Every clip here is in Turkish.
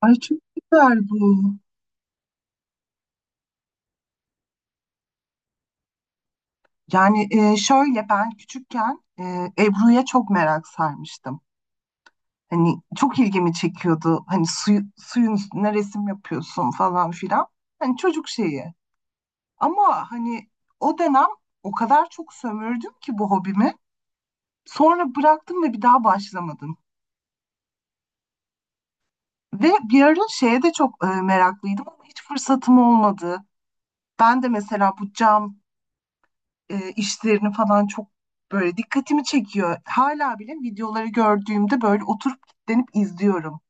Ay çok güzel bu. Şöyle ben küçükken Ebru'ya çok merak sarmıştım. Hani çok ilgimi çekiyordu. Hani suyun üstüne resim yapıyorsun falan filan. Hani çocuk şeyi. Ama hani o dönem o kadar çok sömürdüm ki bu hobimi. Sonra bıraktım ve bir daha başlamadım. Ve bir ara şeye de çok meraklıydım ama hiç fırsatım olmadı. Ben de mesela bu cam işlerini falan çok böyle dikkatimi çekiyor. Hala bile videoları gördüğümde böyle oturup kilitlenip izliyorum.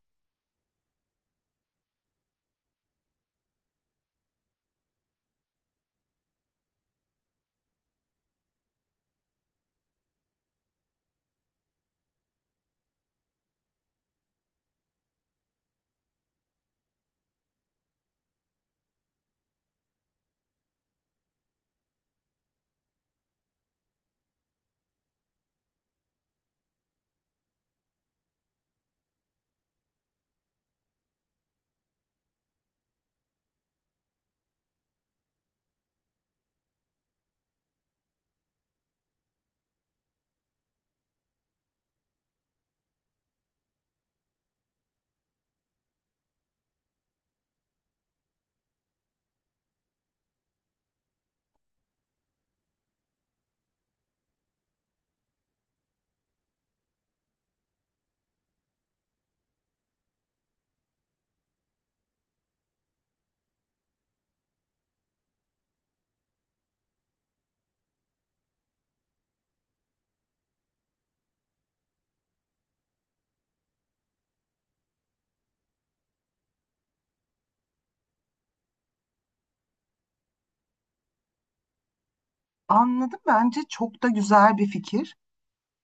Anladım, bence çok da güzel bir fikir.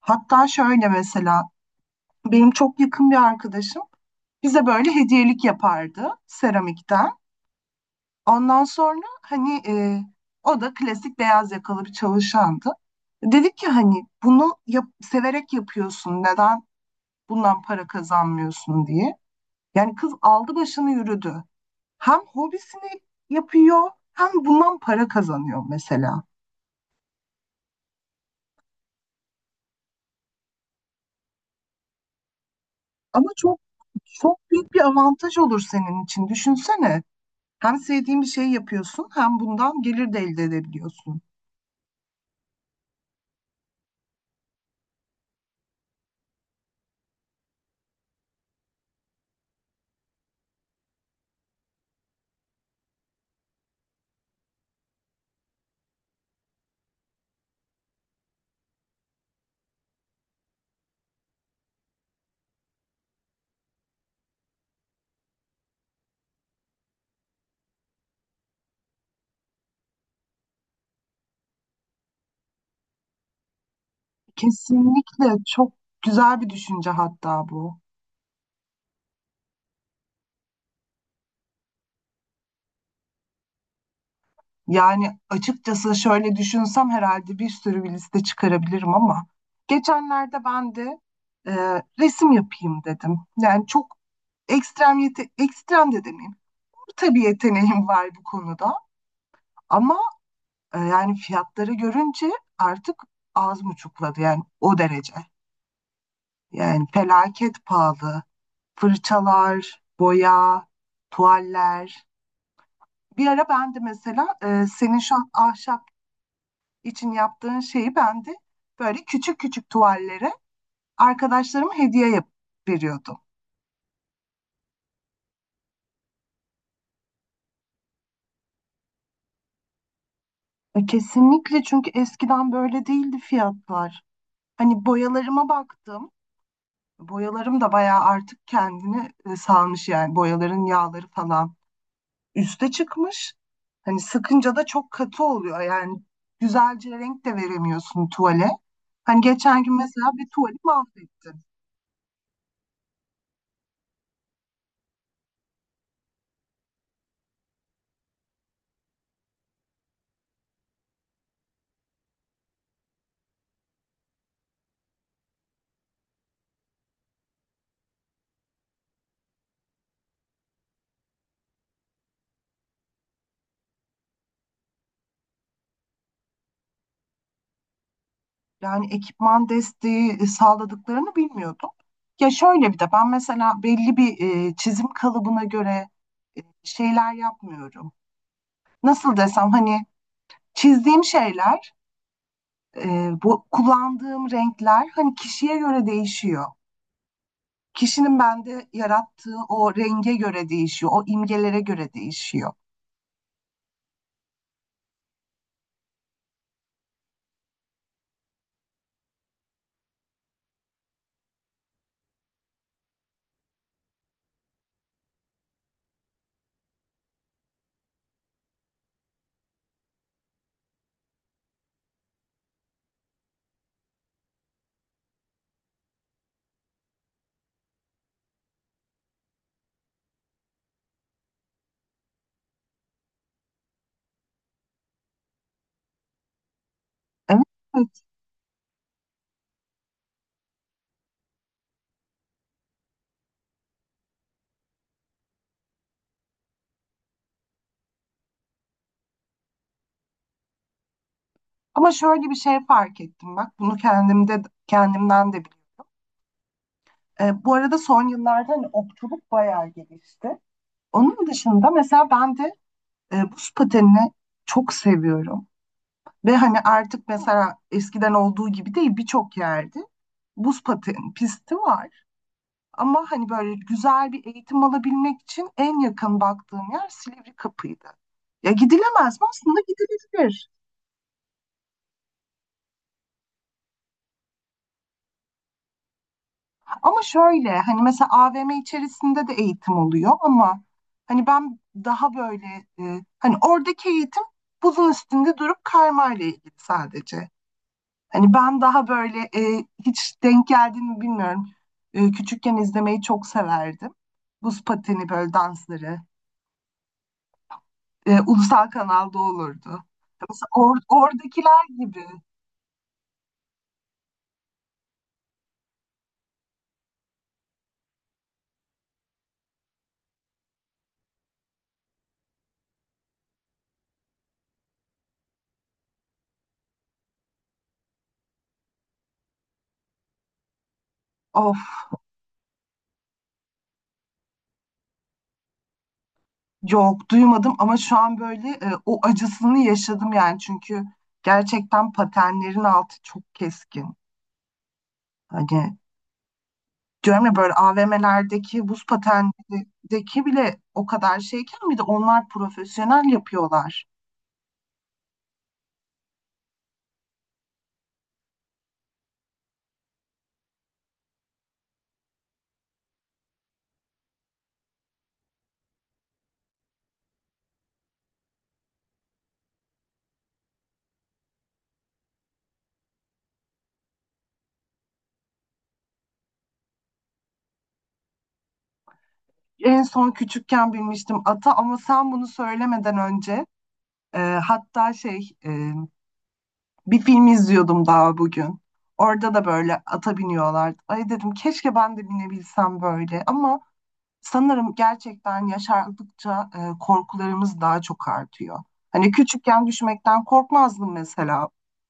Hatta şöyle mesela benim çok yakın bir arkadaşım bize böyle hediyelik yapardı seramikten. Ondan sonra hani o da klasik beyaz yakalı bir çalışandı. Dedik ki hani severek yapıyorsun, neden bundan para kazanmıyorsun diye. Yani kız aldı başını yürüdü. Hem hobisini yapıyor hem bundan para kazanıyor mesela. Ama çok büyük bir avantaj olur senin için. Düşünsene. Hem sevdiğin bir şey yapıyorsun hem bundan gelir de elde edebiliyorsun. Kesinlikle çok güzel bir düşünce hatta bu. Yani açıkçası şöyle düşünsem herhalde bir sürü bir liste çıkarabilirim ama geçenlerde ben de e, resim yapayım dedim. Yani çok ekstrem de demeyeyim. Tabii yeteneğim var bu konuda. Ama yani fiyatları görünce artık ağzım uçukladı yani o derece. Yani felaket pahalı. Fırçalar, boya, tuvaller. Bir ara ben de mesela senin şu an ahşap için yaptığın şeyi ben de böyle küçük küçük tuvallere arkadaşlarıma hediye yap veriyordum. Kesinlikle, çünkü eskiden böyle değildi fiyatlar. Hani boyalarıma baktım. Boyalarım da bayağı artık kendini salmış, yani boyaların yağları falan üste çıkmış. Hani sıkınca da çok katı oluyor, yani güzelce renk de veremiyorsun tuvale. Hani geçen gün mesela bir tuvali mahvettim. Yani ekipman desteği sağladıklarını bilmiyordum. Ya şöyle bir de ben mesela belli bir çizim kalıbına göre şeyler yapmıyorum. Nasıl desem, hani çizdiğim şeyler. Bu kullandığım renkler hani kişiye göre değişiyor. Kişinin bende yarattığı o renge göre değişiyor, o imgelere göre değişiyor. Evet, evet. Ama şöyle bir şey fark ettim bak, bunu kendimden de biliyorum. Bu arada son yıllarda hani okçuluk bayağı gelişti. Onun dışında mesela ben de buz patenini çok seviyorum. Ve hani artık mesela eskiden olduğu gibi değil, birçok yerde buz paten pisti var. Ama hani böyle güzel bir eğitim alabilmek için en yakın baktığım yer Silivri Kapı'ydı. Ya gidilemez mi? Aslında gidilebilir. Ama şöyle hani mesela AVM içerisinde de eğitim oluyor ama hani ben daha böyle hani oradaki eğitim buzun üstünde durup kaymayla ilgili sadece. Hani ben daha böyle hiç denk geldiğini mi bilmiyorum. Küçükken izlemeyi çok severdim. Buz pateni böyle dansları. Ulusal kanalda olurdu. Mesela oradakiler gibi. Of, yok duymadım, ama şu an böyle o acısını yaşadım yani. Çünkü gerçekten patenlerin altı çok keskin. Hani diyorum ya, böyle AVM'lerdeki buz patenindeki bile o kadar şeyken, bir de onlar profesyonel yapıyorlar. En son küçükken bilmiştim ata, ama sen bunu söylemeden önce e, hatta şey e, bir film izliyordum daha bugün. Orada da böyle ata biniyorlardı. Ay dedim keşke ben de binebilsem böyle, ama sanırım gerçekten yaşardıkça korkularımız daha çok artıyor. Hani küçükken düşmekten korkmazdım mesela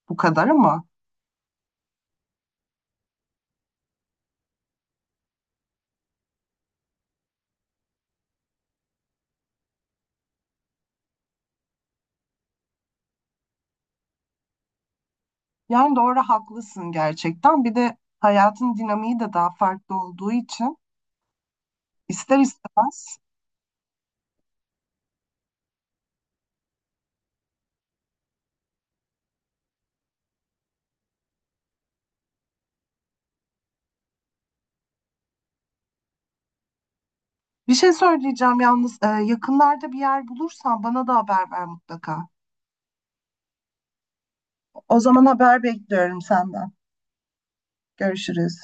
bu kadar, ama yani doğru, haklısın gerçekten. Bir de hayatın dinamiği de daha farklı olduğu için ister istemez. Bir şey söyleyeceğim yalnız, yakınlarda bir yer bulursan bana da haber ver mutlaka. O zaman haber bekliyorum senden. Görüşürüz.